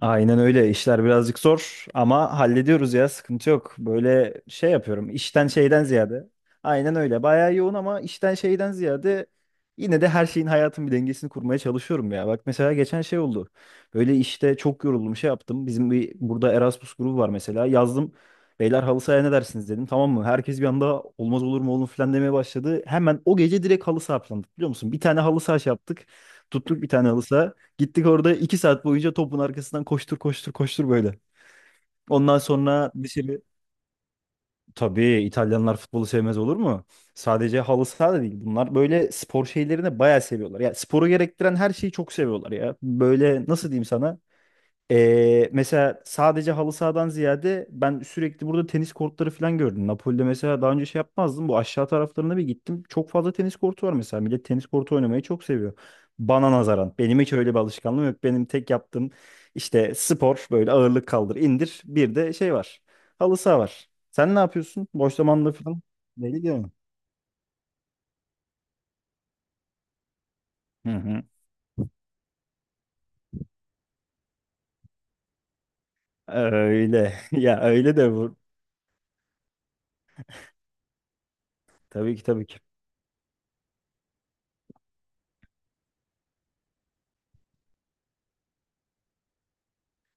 Aynen öyle. İşler birazcık zor ama hallediyoruz ya. Sıkıntı yok. Böyle şey yapıyorum. İşten şeyden ziyade. Aynen öyle. Bayağı yoğun ama işten şeyden ziyade yine de her şeyin hayatın bir dengesini kurmaya çalışıyorum ya. Bak mesela geçen şey oldu. Böyle işte çok yoruldum şey yaptım. Bizim bir burada Erasmus grubu var mesela. Yazdım. Beyler halı sahaya ne dersiniz dedim. Tamam mı? Herkes bir anda olmaz olur mu oğlum falan demeye başladı. Hemen o gece direkt halı saha planladık biliyor musun? Bir tane halı saha şey yaptık. Tuttuk bir tane halı saha. Gittik orada 2 saat boyunca topun arkasından koştur koştur koştur böyle. Ondan sonra dışarı... Tabii İtalyanlar futbolu sevmez olur mu? Sadece halı saha da değil. Bunlar böyle spor şeylerini bayağı seviyorlar. Ya sporu gerektiren her şeyi çok seviyorlar ya. Böyle nasıl diyeyim sana? Mesela sadece halı sahadan ziyade ben sürekli burada tenis kortları falan gördüm. Napoli'de mesela daha önce şey yapmazdım. Bu aşağı taraflarına bir gittim. Çok fazla tenis kortu var mesela. Millet tenis kortu oynamayı çok seviyor. Bana nazaran. Benim hiç öyle bir alışkanlığım yok. Benim tek yaptığım işte spor böyle ağırlık kaldır indir. Bir de şey var. Halı saha var. Sen ne yapıyorsun? Boş zamanında falan. Ne gidiyorsun? Hı hı. Öyle. Ya öyle de bu. Tabii ki, tabii ki.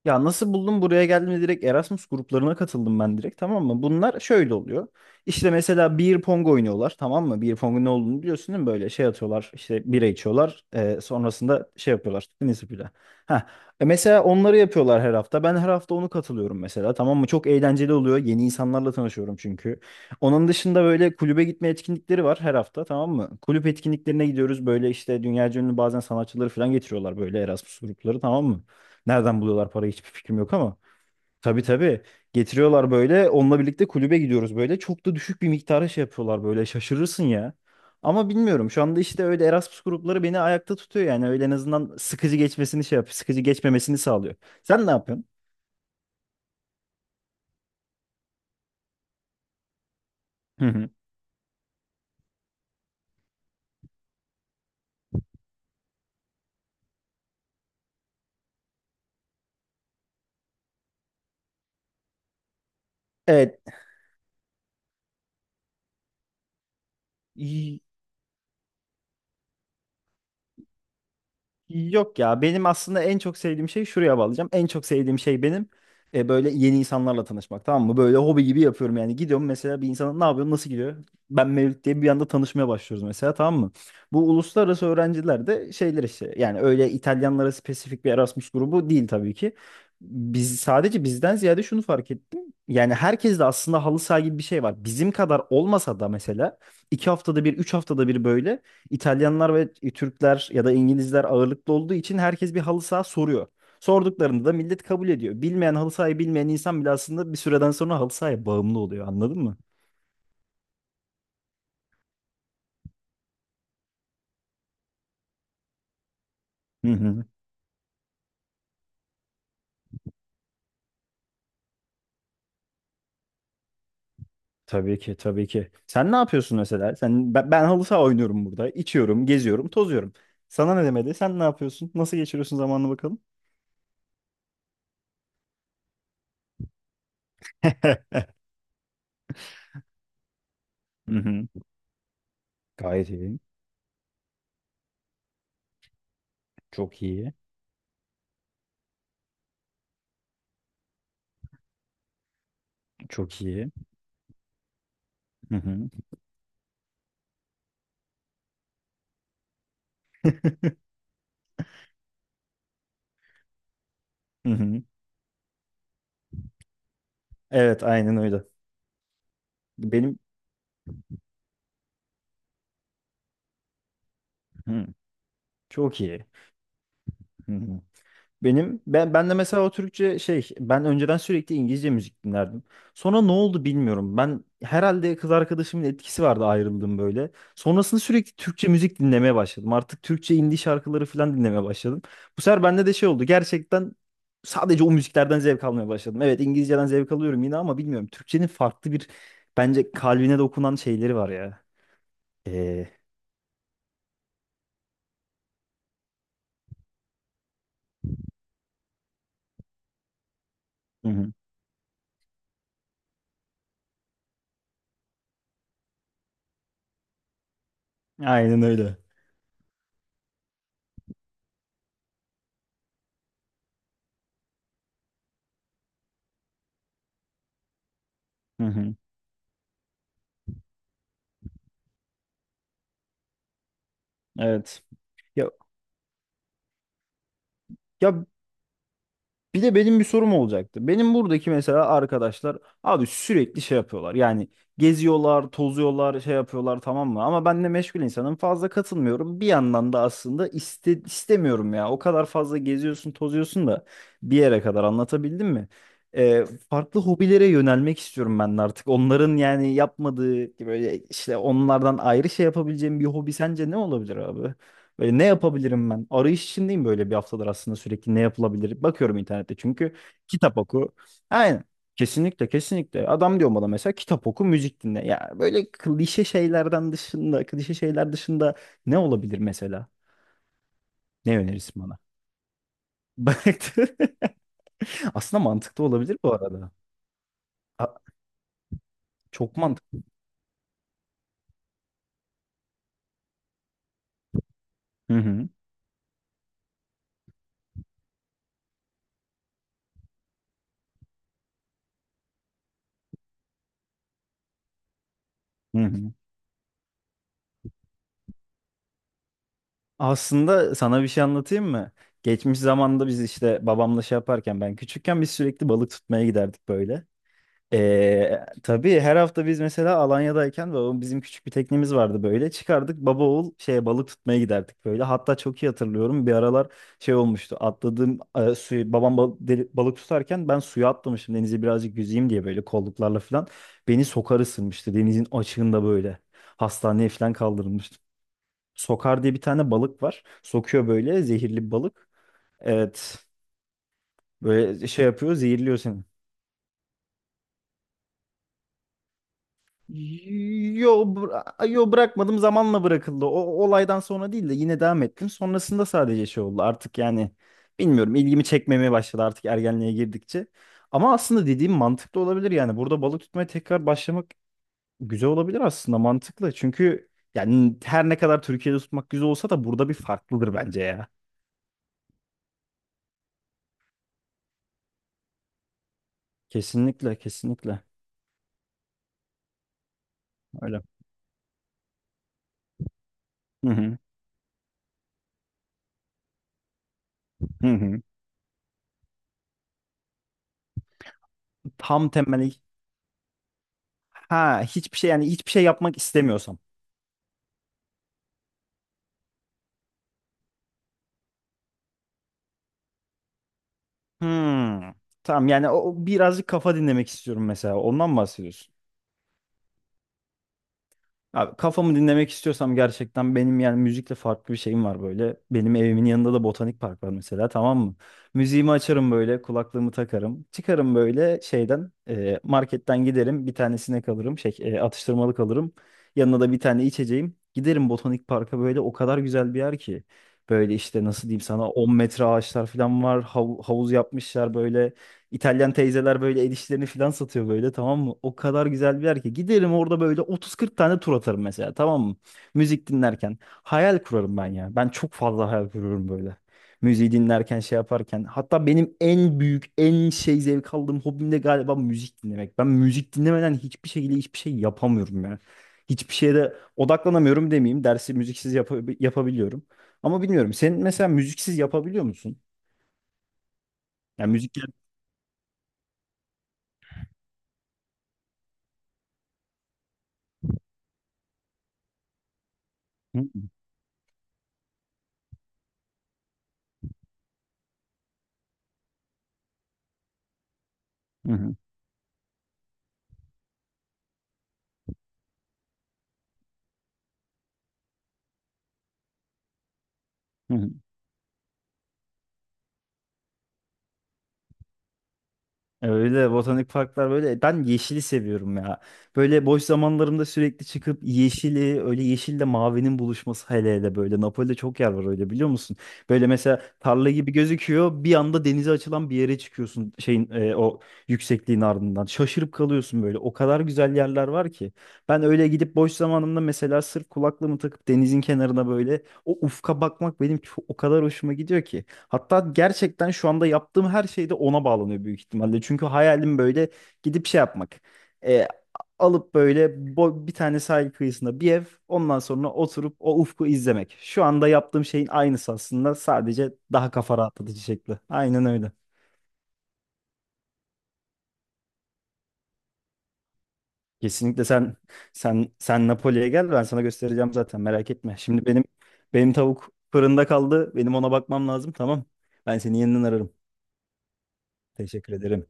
Ya nasıl buldum buraya geldim direkt Erasmus gruplarına katıldım ben direkt tamam mı? Bunlar şöyle oluyor. İşte mesela beer pong oynuyorlar tamam mı? Beer pong'un ne olduğunu biliyorsun değil mi? Böyle şey atıyorlar işte bira içiyorlar. Sonrasında şey yapıyorlar tenis ipüyle. Ha. E mesela onları yapıyorlar her hafta. Ben her hafta onu katılıyorum mesela tamam mı? Çok eğlenceli oluyor. Yeni insanlarla tanışıyorum çünkü. Onun dışında böyle kulübe gitme etkinlikleri var her hafta tamam mı? Kulüp etkinliklerine gidiyoruz. Böyle işte dünyaca ünlü bazen sanatçıları falan getiriyorlar böyle Erasmus grupları tamam mı? Nereden buluyorlar parayı hiçbir fikrim yok ama. Tabii tabii. Getiriyorlar böyle. Onunla birlikte kulübe gidiyoruz böyle. Çok da düşük bir miktara şey yapıyorlar böyle. Şaşırırsın ya. Ama bilmiyorum. Şu anda işte öyle Erasmus grupları beni ayakta tutuyor yani. Öyle en azından sıkıcı geçmesini şey yapıyor. Sıkıcı geçmemesini sağlıyor. Sen ne yapıyorsun? Hı hı. Evet. Yok ya benim aslında en çok sevdiğim şey şuraya bağlayacağım. En çok sevdiğim şey benim böyle yeni insanlarla tanışmak tamam mı? Böyle hobi gibi yapıyorum yani. Gidiyorum mesela bir insana ne yapıyorsun nasıl gidiyor? Ben Mevlüt diye bir anda tanışmaya başlıyoruz mesela tamam mı? Bu uluslararası öğrenciler de şeyler işte yani öyle İtalyanlara spesifik bir Erasmus grubu değil tabii ki. Biz sadece bizden ziyade şunu fark ettim. Yani herkes de aslında halı saha gibi bir şey var. Bizim kadar olmasa da mesela iki haftada bir, üç haftada bir böyle İtalyanlar ve Türkler ya da İngilizler ağırlıklı olduğu için herkes bir halı saha soruyor. Sorduklarında da millet kabul ediyor. Bilmeyen halı sahayı bilmeyen insan bile aslında bir süreden sonra halı sahaya bağımlı oluyor. Anladın mı? Hı hı. Tabii ki, tabii ki. Sen ne yapıyorsun mesela? Sen ben halı saha oynuyorum burada. İçiyorum, geziyorum, tozuyorum. Sana ne demedi? Sen ne yapıyorsun? Nasıl geçiriyorsun zamanını bakalım? Hı hı. Gayet iyi. Çok iyi. Çok iyi. Hı hı. Hı hı. Evet, aynen öyle. Benim. Hı. Çok iyi. Hı hı. Benim ben de mesela o Türkçe şey ben önceden sürekli İngilizce müzik dinlerdim. Sonra ne oldu bilmiyorum. Ben herhalde kız arkadaşımın etkisi vardı ayrıldım böyle. Sonrasında sürekli Türkçe müzik dinlemeye başladım. Artık Türkçe indie şarkıları falan dinlemeye başladım. Bu sefer bende de şey oldu. Gerçekten sadece o müziklerden zevk almaya başladım. Evet İngilizceden zevk alıyorum yine ama bilmiyorum. Türkçenin farklı bir bence kalbine dokunan şeyleri var ya. Ee, hı hı. Aynen öyle. Hı hı. Evet. Ya, ya, bir de benim bir sorum olacaktı. Benim buradaki mesela arkadaşlar abi sürekli şey yapıyorlar. Yani geziyorlar, tozuyorlar, şey yapıyorlar tamam mı? Ama ben de meşgul insanım. Fazla katılmıyorum. Bir yandan da aslında istemiyorum ya. O kadar fazla geziyorsun, tozuyorsun da bir yere kadar anlatabildim mi? Ee, Farklı hobilere yönelmek istiyorum ben de artık. Onların yani yapmadığı böyle işte onlardan ayrı şey yapabileceğim bir hobi sence ne olabilir abi? Böyle ne yapabilirim ben? Arayış içindeyim böyle bir haftadır aslında sürekli ne yapılabilir? Bakıyorum internette çünkü kitap oku. Aynen. Kesinlikle kesinlikle. Adam diyor bana mesela kitap oku, müzik dinle. Ya böyle klişe şeylerden dışında, klişe şeyler dışında ne olabilir mesela? Ne önerirsin bana? Bak aslında mantıklı olabilir bu arada. A- Çok mantıklı. Hı hı. Hı hı. Aslında sana bir şey anlatayım mı? Geçmiş zamanda biz işte babamla şey yaparken ben küçükken biz sürekli balık tutmaya giderdik böyle. Tabii her hafta biz mesela Alanya'dayken babam bizim küçük bir teknemiz vardı böyle. Çıkardık baba oğul şeye balık tutmaya giderdik böyle. Hatta çok iyi hatırlıyorum bir aralar şey olmuştu. Atladığım suyu babam balık tutarken ben suya atlamışım denize birazcık yüzeyim diye böyle kolluklarla falan. Beni sokar ısırmıştı denizin açığında böyle. Hastaneye falan kaldırılmıştı. Sokar diye bir tane balık var. Sokuyor böyle zehirli bir balık. Evet böyle şey yapıyor zehirliyor seni. Yo, yo bırakmadım zamanla bırakıldı. O o olaydan sonra değil de yine devam ettim. Sonrasında sadece şey oldu artık yani bilmiyorum ilgimi çekmemeye başladı artık ergenliğe girdikçe. Ama aslında dediğim mantıklı olabilir yani burada balık tutmaya tekrar başlamak güzel olabilir aslında mantıklı. Çünkü yani her ne kadar Türkiye'de tutmak güzel olsa da burada bir farklıdır bence ya. Kesinlikle kesinlikle öyle. Hı hı. Hı hı. Tam temelli ha hiçbir şey yani hiçbir şey yapmak istemiyorsam. Hmm. Tamam yani o o birazcık kafa dinlemek istiyorum mesela. Ondan mı bahsediyorsun? Abi kafamı dinlemek istiyorsam gerçekten benim yani müzikle farklı bir şeyim var böyle. Benim evimin yanında da botanik park var mesela tamam mı? Müziğimi açarım böyle kulaklığımı takarım. Çıkarım böyle şeyden marketten giderim bir tanesine kalırım atıştırmalık alırım. Yanına da bir tane içeceğim. Giderim botanik parka böyle o kadar güzel bir yer ki. Böyle işte nasıl diyeyim sana 10 metre ağaçlar falan var. Havuz yapmışlar böyle. İtalyan teyzeler böyle el işlerini falan satıyor böyle tamam mı? O kadar güzel bir yer ki. Giderim orada böyle 30-40 tane tur atarım mesela tamam mı? Müzik dinlerken. Hayal kurarım ben ya. Ben çok fazla hayal kuruyorum böyle. Müziği dinlerken şey yaparken. Hatta benim en büyük en şey zevk aldığım hobim de galiba müzik dinlemek. Ben müzik dinlemeden hiçbir şekilde hiçbir şey yapamıyorum ya. Hiçbir şeye de odaklanamıyorum demeyeyim. Dersi müziksiz yapabiliyorum. Ama bilmiyorum. Sen mesela müziksiz yapabiliyor musun? Yani müzik... Hı hı hı. Hı. Öyle botanik parklar böyle ben yeşili seviyorum ya. Böyle boş zamanlarımda sürekli çıkıp yeşili öyle yeşille mavinin buluşması hele hele böyle Napoli'de çok yer var öyle biliyor musun? Böyle mesela tarla gibi gözüküyor bir anda denize açılan bir yere çıkıyorsun o yüksekliğin ardından şaşırıp kalıyorsun böyle o kadar güzel yerler var ki. Ben öyle gidip boş zamanımda mesela sırf kulaklığımı takıp denizin kenarına böyle o ufka bakmak benim çok, o kadar hoşuma gidiyor ki. Hatta gerçekten şu anda yaptığım her şey de ona bağlanıyor büyük ihtimalle. Çünkü hayalim böyle gidip şey yapmak. E, Alıp böyle bir tane sahil kıyısında bir ev, ondan sonra oturup o ufku izlemek. Şu anda yaptığım şeyin aynısı aslında sadece daha kafa rahatlatıcı şekli. Aynen öyle. Kesinlikle sen Napoli'ye gel ben sana göstereceğim zaten merak etme. Şimdi benim tavuk fırında kaldı. Benim ona bakmam lazım tamam. Ben seni yeniden ararım. Teşekkür ederim.